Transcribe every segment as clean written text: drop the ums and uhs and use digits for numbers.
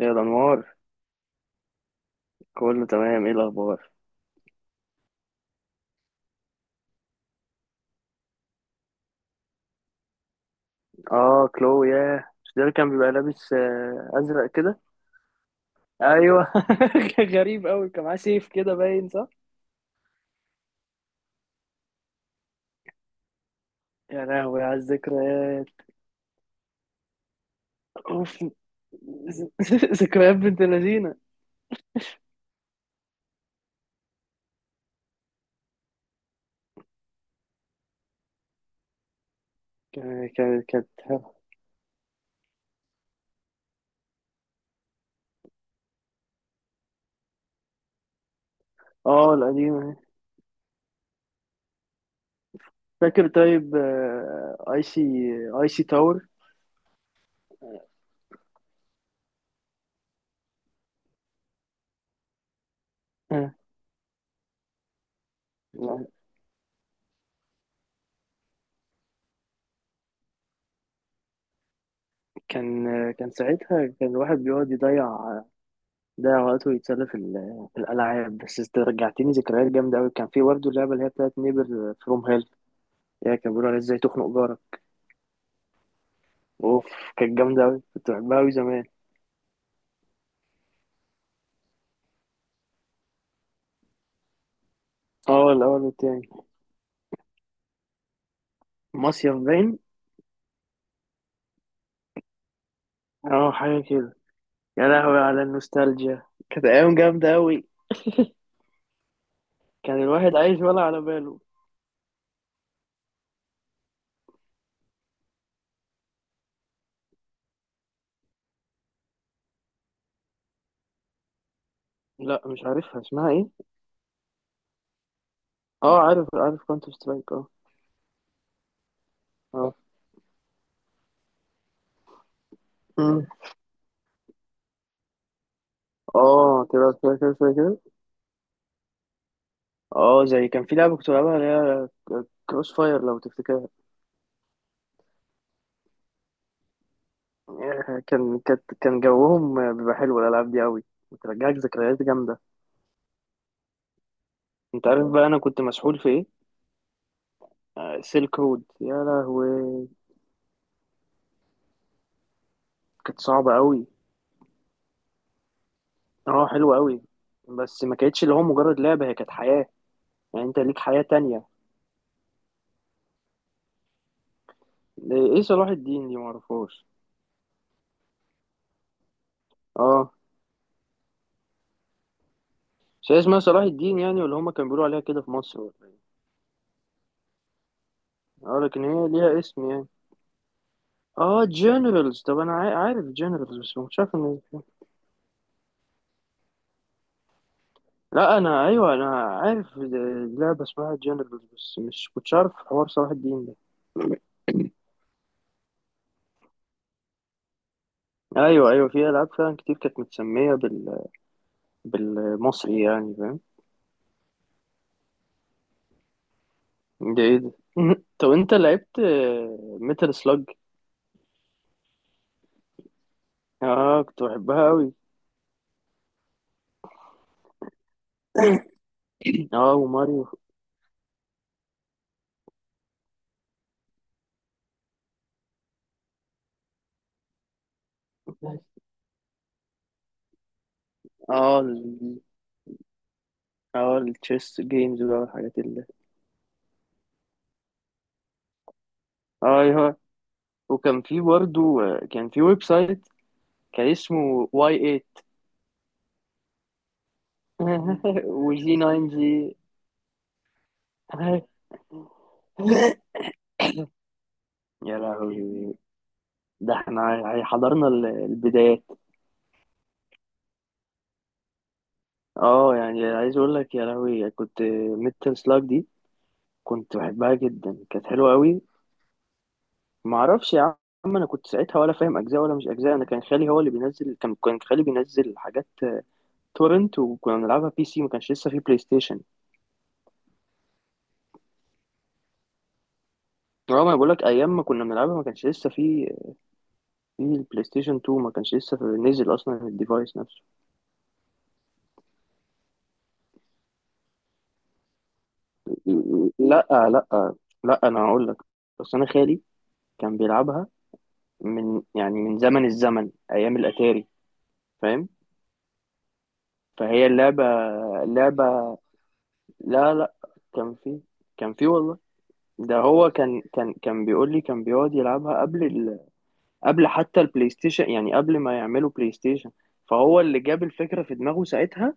يا الأنوار، كله تمام. ايه الأخبار؟ اه، كلو. ياه، مش ده اللي كان بيبقى لابس أزرق كده؟ أيوه. كان غريب أوي، كان معاه سيف كده باين، صح؟ يا لهوي على الذكريات! أوف. ذ- ذكريات بنت اللذينة. كانت حلوة. اه، القديمة. فاكر؟ طيب، اي سي تاور. آه، كان ساعتها كان الواحد بيقعد يضيع ده وقته يتسلى في الألعاب. بس رجعتني ذكريات جامدة أوي. كان في برضه اللعبة اللي هي بتاعت نيبر فروم هيل، هي كان بيقولوا عليها ازاي تخنق جارك. أوف، كانت جامدة أوي، كنت بحبها أوي زمان. اه، الأول والتاني. مصيف باين. اه، حاجة كده. يا لهوي على النوستالجيا! كانت أيام جامدة أوي. كان الواحد عايش ولا على باله. لا، مش عارفها اسمها ايه. اه، عارف كونتر سترايك، اه. اه. مم. اه، تلعب شوية كده، شوية كده. اه، زي كان في لعبة كنت بلعبها اللي هي كروس فاير، لو تفتكر. يعني كان جوهم بيبقى حلو، الالعاب دي قوي، بترجعك ذكريات جامده. انت عارف بقى انا كنت مسحول في ايه؟ سيلك رود! يا لهوي! كانت صعبه قوي. اه، حلوه قوي. بس ما كانتش اللي هو مجرد لعبه، هي كانت حياه. يعني انت ليك حياه تانية. ايه، صلاح الدين دي؟ معرفهاش. اه. مش هي اسمها صلاح الدين يعني، ولا هما كانوا بيقولوا عليها كده في مصر، ولا ايه؟ اه، لكن هي ليها اسم يعني. اه، جنرالز. طب انا عارف جنرالز بس مش عارف ان... لا انا، ايوه انا عارف لعبه اسمها جنرالز بس مش كنتش عارف حوار صلاح الدين ده. ايوه، ايوه، في العاب فعلا كتير كانت متسميه بالمصري يعني، فاهم؟ ده ايه ده؟ طب انت لعبت ميتال سلاج؟ اه، كنت بحبها قوي. اه، وماريو. اه، اه، التشيس جيمز بقى والحاجات اللي... اه، ايوه. وكان في برضو، كان في ويب سايت كان اسمه واي 8. وجي 9 جي. يا لهوي! ده احنا حضرنا البدايات. اه، يعني عايز اقول لك، يا لهوي! كنت... ميتال سلاج دي كنت بحبها جدا، كانت حلوه قوي. ما اعرفش يا عم. انا كنت ساعتها ولا فاهم اجزاء ولا مش اجزاء. انا كان خالي هو اللي بينزل. كان خالي بينزل حاجات تورنت، وكنا بنلعبها بي سي، ما كانش لسه في بلاي ستيشن. اه، ما أنا بقول لك، ايام ما كنا بنلعبها ما كانش لسه في البلاي ستيشن 2، ما كانش لسه نزل اصلا الديفايس نفسه. لا، لا، لا انا هقول لك. بس انا خالي كان بيلعبها من يعني من زمن الزمن، ايام الاتاري، فاهم؟ فهي اللعبه، لا، لا، كان في، والله. ده هو كان بيقول لي كان بيقعد يلعبها قبل قبل حتى البلاي ستيشن، يعني قبل ما يعملوا بلاي ستيشن. فهو اللي جاب الفكره في دماغه ساعتها،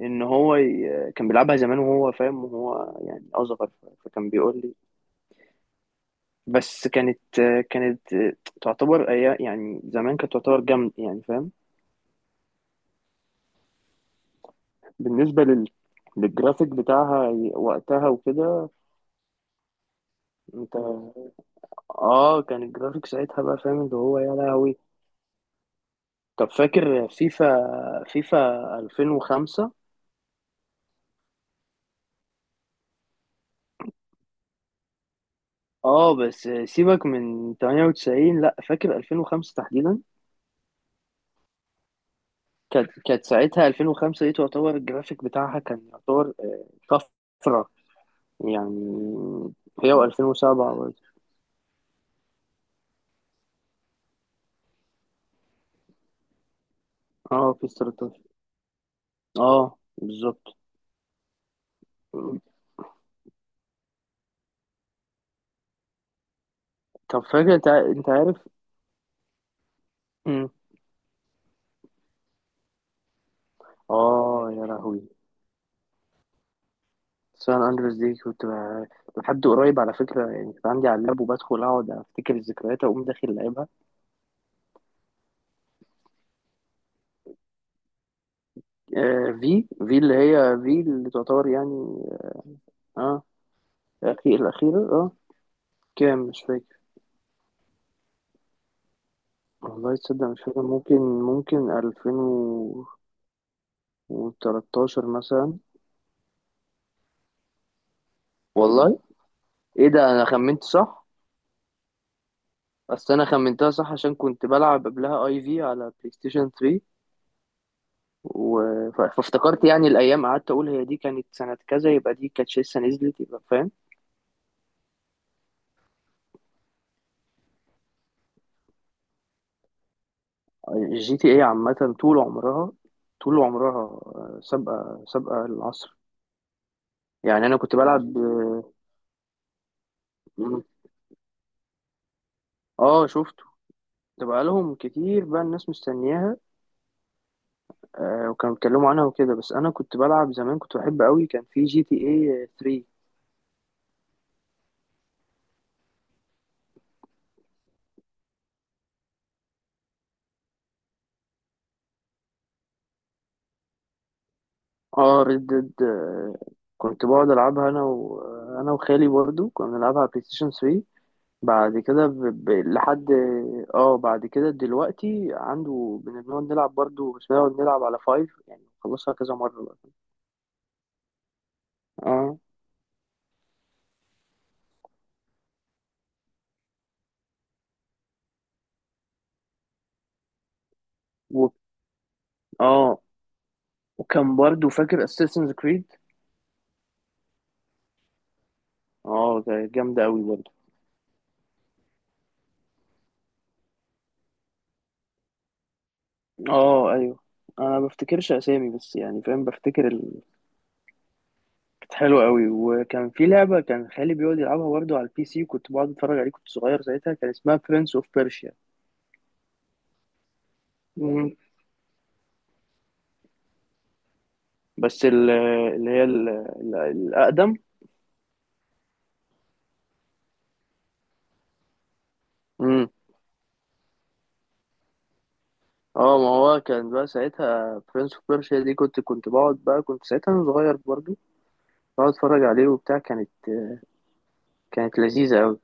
ان هو كان بيلعبها زمان وهو فاهم، وهو يعني اصغر. فكان بيقول لي. بس كانت، كانت تعتبر ايام، يعني زمان كانت تعتبر جامد، يعني فاهم. بالنسبة للجرافيك بتاعها وقتها وكده. انت، اه، كان الجرافيك ساعتها بقى فاهم اللي هو يا لهوي. طب فاكر فيفا، 2005. اه بس سيبك من 98، لا، فاكر 2005 تحديدا. كانت ساعتها 2005 دي تعتبر الجرافيك بتاعها كان يعتبر طفرة يعني. هي و2007 برضه. اه، بيس 13. اه، بالظبط. طب فاكر انت، عارف. اه، يا لهوي. سان اندرس دي كنت لحد قريب على فكره، يعني كنت عندي على اللاب وبدخل اقعد افتكر الذكريات اقوم داخل لعبها. في اللي هي، في اللي تعتبر يعني... اه، الاخير الاخيره، اه. كام؟ مش فاكر. والله تصدق مش فاكر. ممكن، 2013 مثلا. والله ايه ده! انا خمنت صح. بس انا خمنتها صح عشان كنت بلعب قبلها اي في على بلاي ستيشن 3. و... فافتكرت يعني الايام. قعدت اقول هي دي كانت سنه كذا، يبقى دي كانت لسه نزلت، يبقى فاهم. الجي تي اي عامه طول عمرها، طول عمرها سابقه العصر. يعني انا كنت بلعب، اه. شفته. كنت بقالهم كتير بقى الناس مستنياها. وكانوا بيتكلموا عنها وكده، بس انا كنت بلعب زمان كنت بحب قوي، كان في جي تي اي 3. اه، ريد ديد كنت بقعد العبها انا وخالي برضو، كنا بنلعبها على بلاي ستيشن 3. بعد كده لحد... اه، بعد كده دلوقتي عنده بنقعد نلعب برضه، بس بنقعد نلعب على فايف، يعني خلصها كذا مرة بقى. اه، و... اه، وكان برضه فاكر اساسنز كريد. اه، ده جامدة قوي برضه. اه، ايوه. انا ما بفتكرش اسامي بس يعني فاهم بفتكر ال... كانت حلوه قوي، وكان في لعبه كان خالي بيقعد يلعبها برضه على البي سي وكنت بقعد اتفرج عليه، كنت صغير ساعتها. كان اسمها برنس اوف بيرشيا. مم. بس اللي هي الاقدم. اه، ما هو كان بقى ساعتها برنس اوف بيرشيا دي كنت بقعد بقى كنت ساعتها انا صغير برضو. بقعد اتفرج عليه وبتاع. كانت، لذيذة أوي.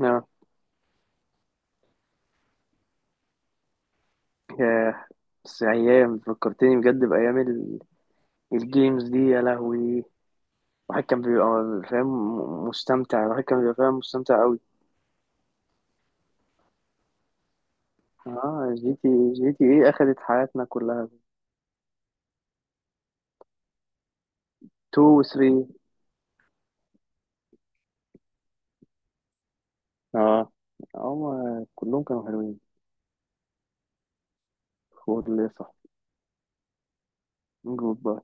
آه، ياه! بس أيام فكرتني بجد بأيام الجيمز دي، يا لهوي. الواحد كان بيبقى فاهم مستمتع. الواحد كان بيبقى فاهم مستمتع أوي. اه، جي تي ايه أخدت حياتنا كلها. 2 و 3. اه، هما كلهم كانوا حلوين. فور ليه، صح؟ جود